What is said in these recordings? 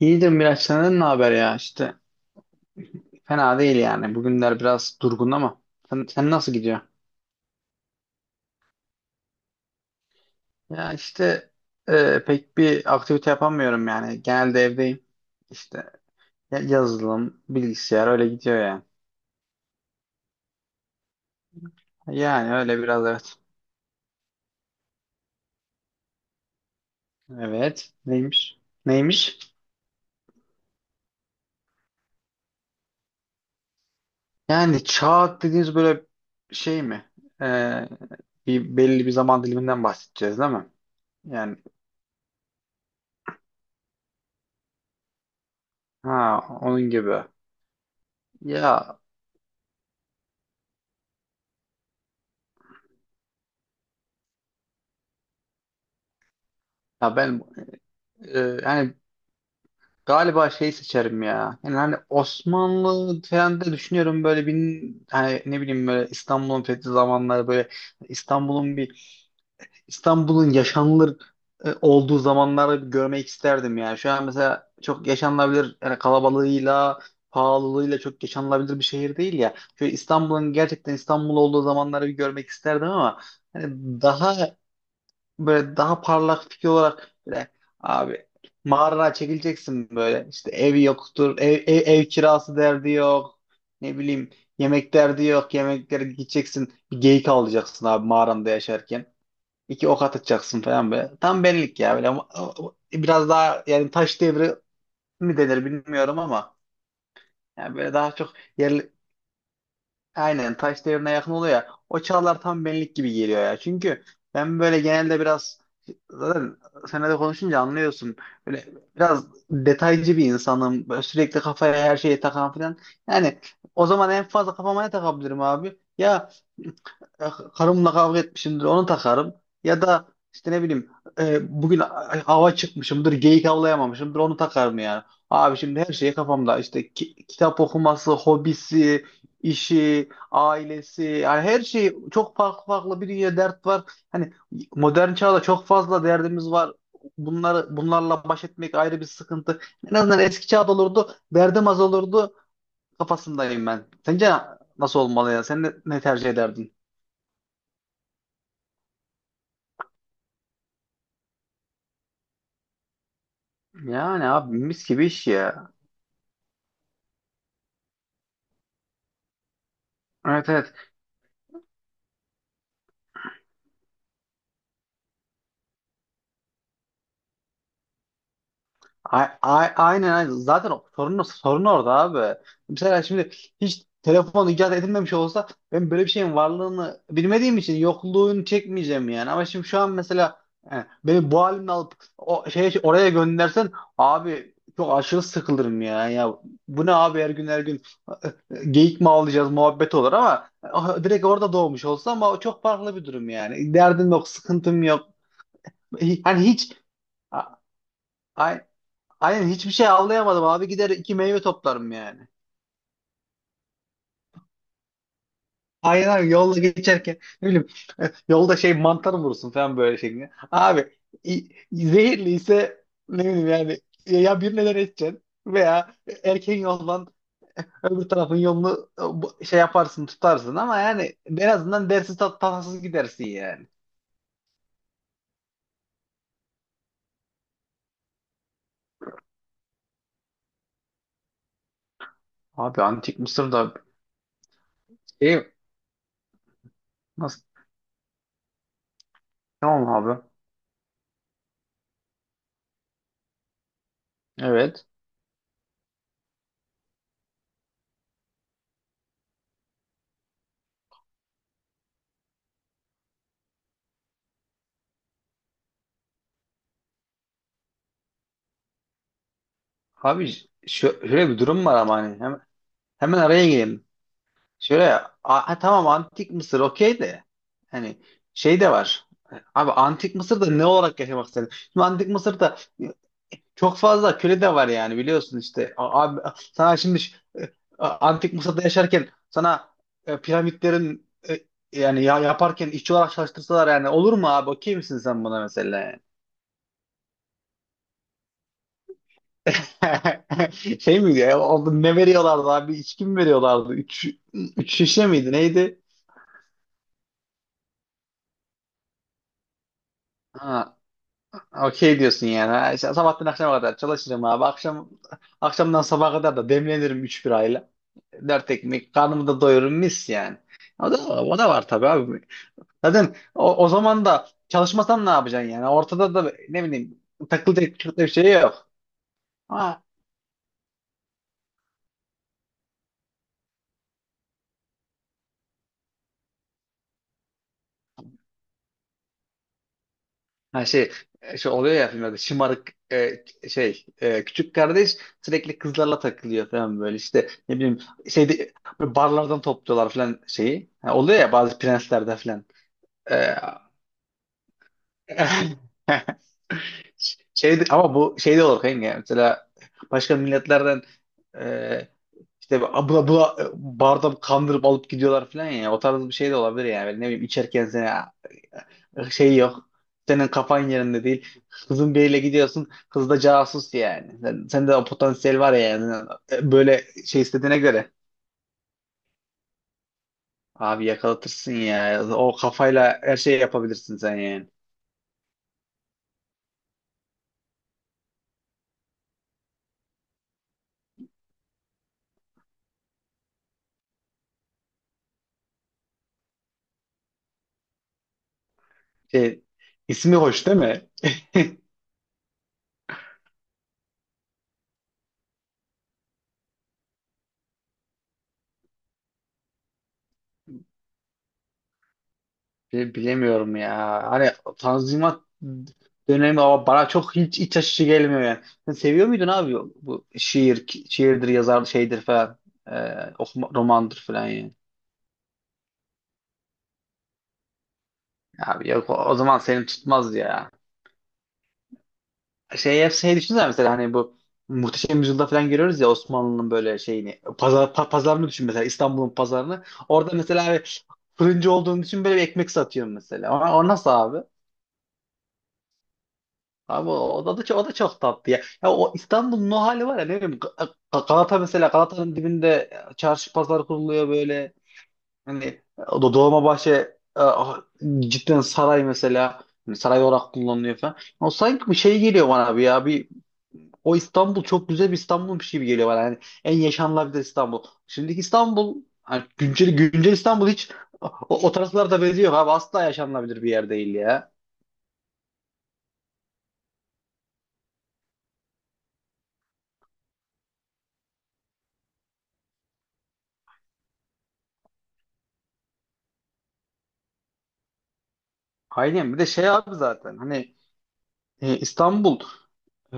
İyidir Miraç, senden ne haber ya işte, fena değil yani, bugünler biraz durgun ama. Sen nasıl gidiyor? Ya işte, pek bir aktivite yapamıyorum yani, genelde evdeyim işte. Yazılım, bilgisayar, öyle gidiyor yani. Yani öyle biraz, evet. Evet, neymiş? Neymiş? Yani çağ dediğiniz böyle şey mi? E, Bir belli bir zaman diliminden bahsedeceğiz değil mi? Yani, ha, onun gibi. Ya, ya ben, yani galiba şey seçerim ya. Yani hani Osmanlı falan da düşünüyorum, böyle bin, hani ne bileyim, böyle İstanbul'un fethi zamanları, böyle İstanbul'un bir İstanbul'un yaşanılır olduğu zamanları bir görmek isterdim yani. Şu an mesela çok yaşanılabilir, yani kalabalığıyla, pahalılığıyla çok yaşanılabilir bir şehir değil ya. Şöyle İstanbul'un gerçekten İstanbul olduğu zamanları bir görmek isterdim ama hani daha, böyle daha parlak fikir olarak, böyle abi, mağarana çekileceksin, böyle işte ev yoktur, ev kirası derdi yok, ne bileyim, yemek derdi yok, yemeklere gideceksin, bir geyik avlayacaksın abi, mağaranda yaşarken iki ok atacaksın falan, böyle tam benlik ya, böyle ama biraz daha yani, taş devri mi denir bilmiyorum ama yani böyle daha çok yer. Aynen, taş devrine yakın oluyor ya. O çağlar tam benlik gibi geliyor ya. Çünkü ben böyle genelde biraz, zaten seninle de konuşunca anlıyorsun. Böyle biraz detaycı bir insanım. Böyle sürekli kafaya her şeyi takan falan. Yani o zaman en fazla kafama ne takabilirim abi? Ya, e, karımla kavga etmişimdir, onu takarım. Ya da işte ne bileyim, bugün hava çıkmışımdır, geyik avlayamamışımdır, onu takarım yani. Abi şimdi her şey kafamda, işte kitap okuması, hobisi, işi, ailesi, yani her şey çok farklı farklı, bir dünya dert var. Hani modern çağda çok fazla derdimiz var. Bunları, bunlarla baş etmek ayrı bir sıkıntı. En azından eski çağda olurdu, derdim az olurdu kafasındayım ben. Sence nasıl olmalı ya? Sen ne tercih ederdin? Yani abi, mis gibi iş ya. Evet, evet. Aynen, aynen. Zaten sorun orada abi. Mesela şimdi hiç telefon icat edilmemiş olsa, ben böyle bir şeyin varlığını bilmediğim için yokluğunu çekmeyeceğim yani. Ama şimdi şu an mesela, beni bu halimle alıp o şeye, oraya göndersen abi, çok aşırı sıkılırım ya. Ya bu ne abi, her gün her gün e, geyik mi avlayacağız, muhabbet olur ama direkt orada doğmuş olsa ama, o çok farklı bir durum yani. Derdim yok, sıkıntım yok. Hi- Hani hiç A- ay- Aynen, hiçbir şey avlayamadım abi, gider iki meyve toplarım yani. Aynen abi, yolda geçerken ne bileyim yolda şey, mantar mı vurursun falan böyle şeklinde. Abi zehirli ise ne bileyim yani, ya birine neden edeceksin veya erken yoldan öbür tarafın yolunu şey yaparsın, tutarsın ama yani, en azından dersiz, tat tatsız gidersin yani. Abi antik Mısır'da, şey nasıl, tamam abi, evet abi, şöyle bir durum var ama hani hemen araya gireyim. Şöyle ha, tamam, antik Mısır okey de, hani şey de var. Abi antik Mısır'da ne olarak yaşamak istedin? Şimdi antik Mısır'da çok fazla köle de var yani, biliyorsun işte. Abi, sana şimdi antik Mısır'da yaşarken sana piramitlerin yani ya, yaparken işçi olarak çalıştırsalar, yani olur mu abi? Okey misin sen buna mesela, yani? Şey miydi ya? Oldu, ne veriyorlardı abi? İçki mi veriyorlardı? Üç şişe miydi? Neydi? Ha, okey diyorsun yani. Ha, işte sabahtan akşama kadar çalışırım abi. Akşamdan sabaha kadar da demlenirim 3 birayla. 4 ekmek karnımı da doyururum, mis yani. O da, o da var tabii abi. Zaten o zaman da çalışmasan ne yapacaksın yani? Ortada da ne bileyim, takılacak çok da bir şey yok. Ha, ha, şey oluyor ya filmlerde, şımarık şey, küçük kardeş sürekli kızlarla takılıyor falan, böyle işte ne bileyim, şeyde böyle barlardan topluyorlar falan şeyi. Ha, oluyor ya bazı prenslerde. Ee, Şey, ama bu şey de olur kanka. Mesela başka milletlerden e, işte abla bula barda kandırıp alıp gidiyorlar falan ya. O tarz bir şey de olabilir yani. Böyle, ne bileyim, içerken sana şey yok. Senin kafan yerinde değil. Kızın biriyle gidiyorsun. Kız da casus yani. Sende o potansiyel var ya yani. Böyle şey istediğine göre. Abi yakalatırsın ya. O kafayla her şeyi yapabilirsin sen yani. Şey, ismi hoş değil mi? Bilemiyorum ya. Hani Tanzimat dönemi ama bana çok hiç iç açıcı gelmiyor yani. Sen seviyor muydun abi bu şiirdir, yazar şeydir falan, okuma, romandır falan yani. Abi yok, o zaman seni tutmaz ya. Şey, hep şey, düşünsene mesela, hani bu Muhteşem Yüzyılda falan görüyoruz ya Osmanlı'nın böyle şeyini, pazarını düşün mesela, İstanbul'un pazarını. Orada mesela bir fırıncı olduğunu düşün, böyle bir ekmek satıyor mesela. O nasıl abi? Abi o da çok tatlı ya. Ya o İstanbul'un o hali var ya, ne bileyim Galata mesela, Galata'nın dibinde çarşı pazar kuruluyor böyle. Hani o da Dolmabahçe, e, ah, cidden saray mesela, hani saray olarak kullanılıyor falan. O sanki bir şey geliyor bana abi, ya bir, o İstanbul çok güzel bir İstanbul'muş gibi geliyor bana. Yani en yaşanılabilir İstanbul. Şimdiki İstanbul, hani güncel İstanbul hiç o taraflarda benziyor abi, asla yaşanılabilir bir yer değil ya. Aynen, bir de şey abi, zaten hani, İstanbul e,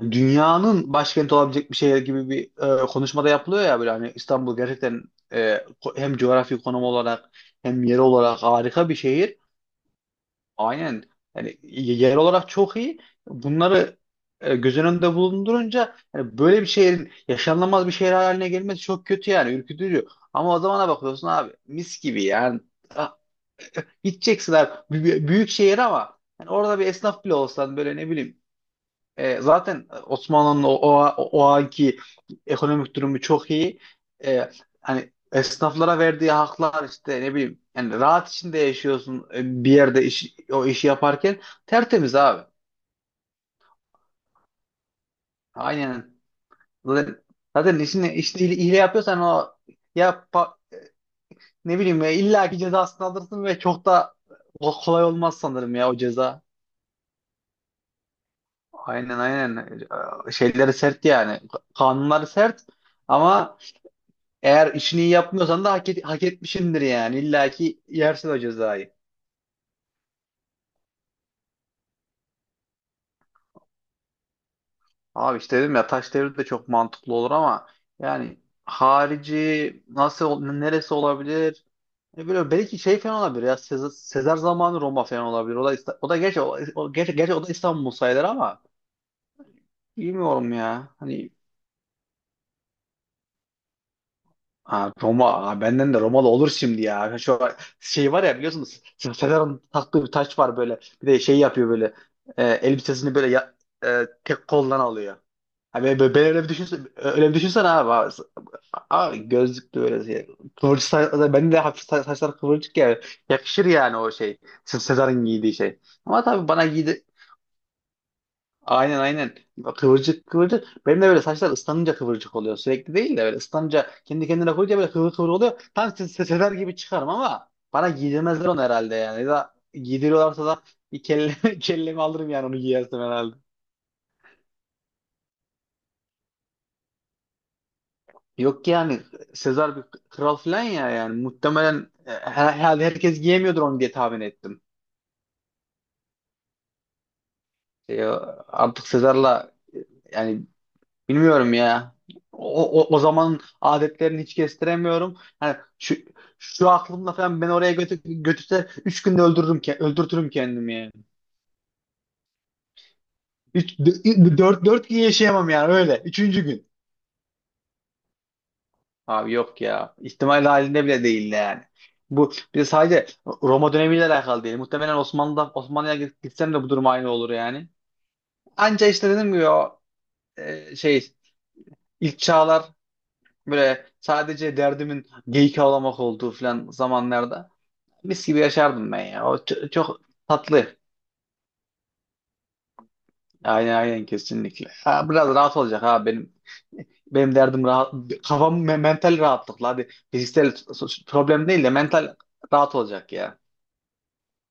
dünyanın başkenti olabilecek bir şehir gibi bir konuşmada yapılıyor ya, böyle hani İstanbul gerçekten hem coğrafi konum olarak, hem yer olarak harika bir şehir. Aynen. Yani yer olarak çok iyi. Bunları göz önünde bulundurunca yani, böyle bir şehrin yaşanılmaz bir şehir haline gelmesi çok kötü yani, ürkütücü. Ama o zamana bakıyorsun abi, mis gibi yani. Ah, Gideceksin abi, büyük şehir ama yani orada bir esnaf bile olsan, böyle ne bileyim, zaten Osmanlı'nın o anki ekonomik durumu çok iyi. E, Hani esnaflara verdiği haklar işte, ne bileyim yani, rahat içinde yaşıyorsun, bir yerde o işi yaparken tertemiz abi. Aynen. Zaten, zaten, işini hile hile yapıyorsan o, ya ne bileyim ya, illa ki cezasını alırsın ve çok da kolay olmaz sanırım ya, o ceza. Aynen, aynen. Şeyleri sert yani. Kanunları sert ama, eğer işini iyi yapmıyorsan da hak etmişindir yani. İlla ki yersin o cezayı. Abi işte dedim ya, taş devri de çok mantıklı olur ama yani, harici nasıl neresi olabilir? Ne bileyim, belki şey falan olabilir ya, Sezar zamanı Roma falan olabilir. O da gerçi, o da İstanbul sayılır ama, bilmiyorum ya. Hani. Aa, Roma. Aa, benden de Romalı olur şimdi ya. Şu şey var ya, biliyorsunuz Sezar'ın taktığı bir taç var böyle. Bir de şey yapıyor böyle, elbisesini böyle tek koldan alıyor. Ha, ben öyle bir düşünsen, öyle bir düşünsen abi. Abi gözlüklü böyle şey. Kıvırcık saç, bende de hafif saçlar kıvırcık ya. Yakışır yani o şey. Sezar'ın giydiği şey. Ama tabii bana aynen, aynen. Kıvırcık kıvırcık. Benim de böyle saçlar ıslanınca kıvırcık oluyor. Sürekli değil de böyle ıslanınca, kendi kendine koyunca böyle kıvır kıvır oluyor. Tam sefer gibi çıkarım ama bana giydirmezler onu herhalde yani. Ya da giydiriyorlarsa da, bir kellemi alırım yani onu giyersem herhalde. Yok ki yani, Sezar bir kral falan ya yani muhtemelen, herhalde herkes giyemiyordur onu diye tahmin ettim. E, Artık Sezar'la, yani bilmiyorum ya. O zaman adetlerini hiç kestiremiyorum. Yani şu aklımla falan ben oraya götürse 3 günde öldürürüm ki, öldürtürüm kendimi yani. 3 4 4 gün yaşayamam yani öyle. Üçüncü gün. Abi yok ya. İhtimal halinde bile değil yani. Bu bir de sadece Roma dönemiyle alakalı değil. Muhtemelen Osmanlı'ya gitsem de bu durum aynı olur yani. Anca işte dedim ki o, şey, ilk çağlar, böyle sadece derdimin geyik avlamak olduğu falan zamanlarda mis gibi yaşardım ben ya. O çok tatlı. Aynen, aynen, kesinlikle. Ha, biraz rahat olacak, ha benim derdim rahat, kafam mental rahatlıkla, hadi fiziksel problem değil de mental rahat olacak ya.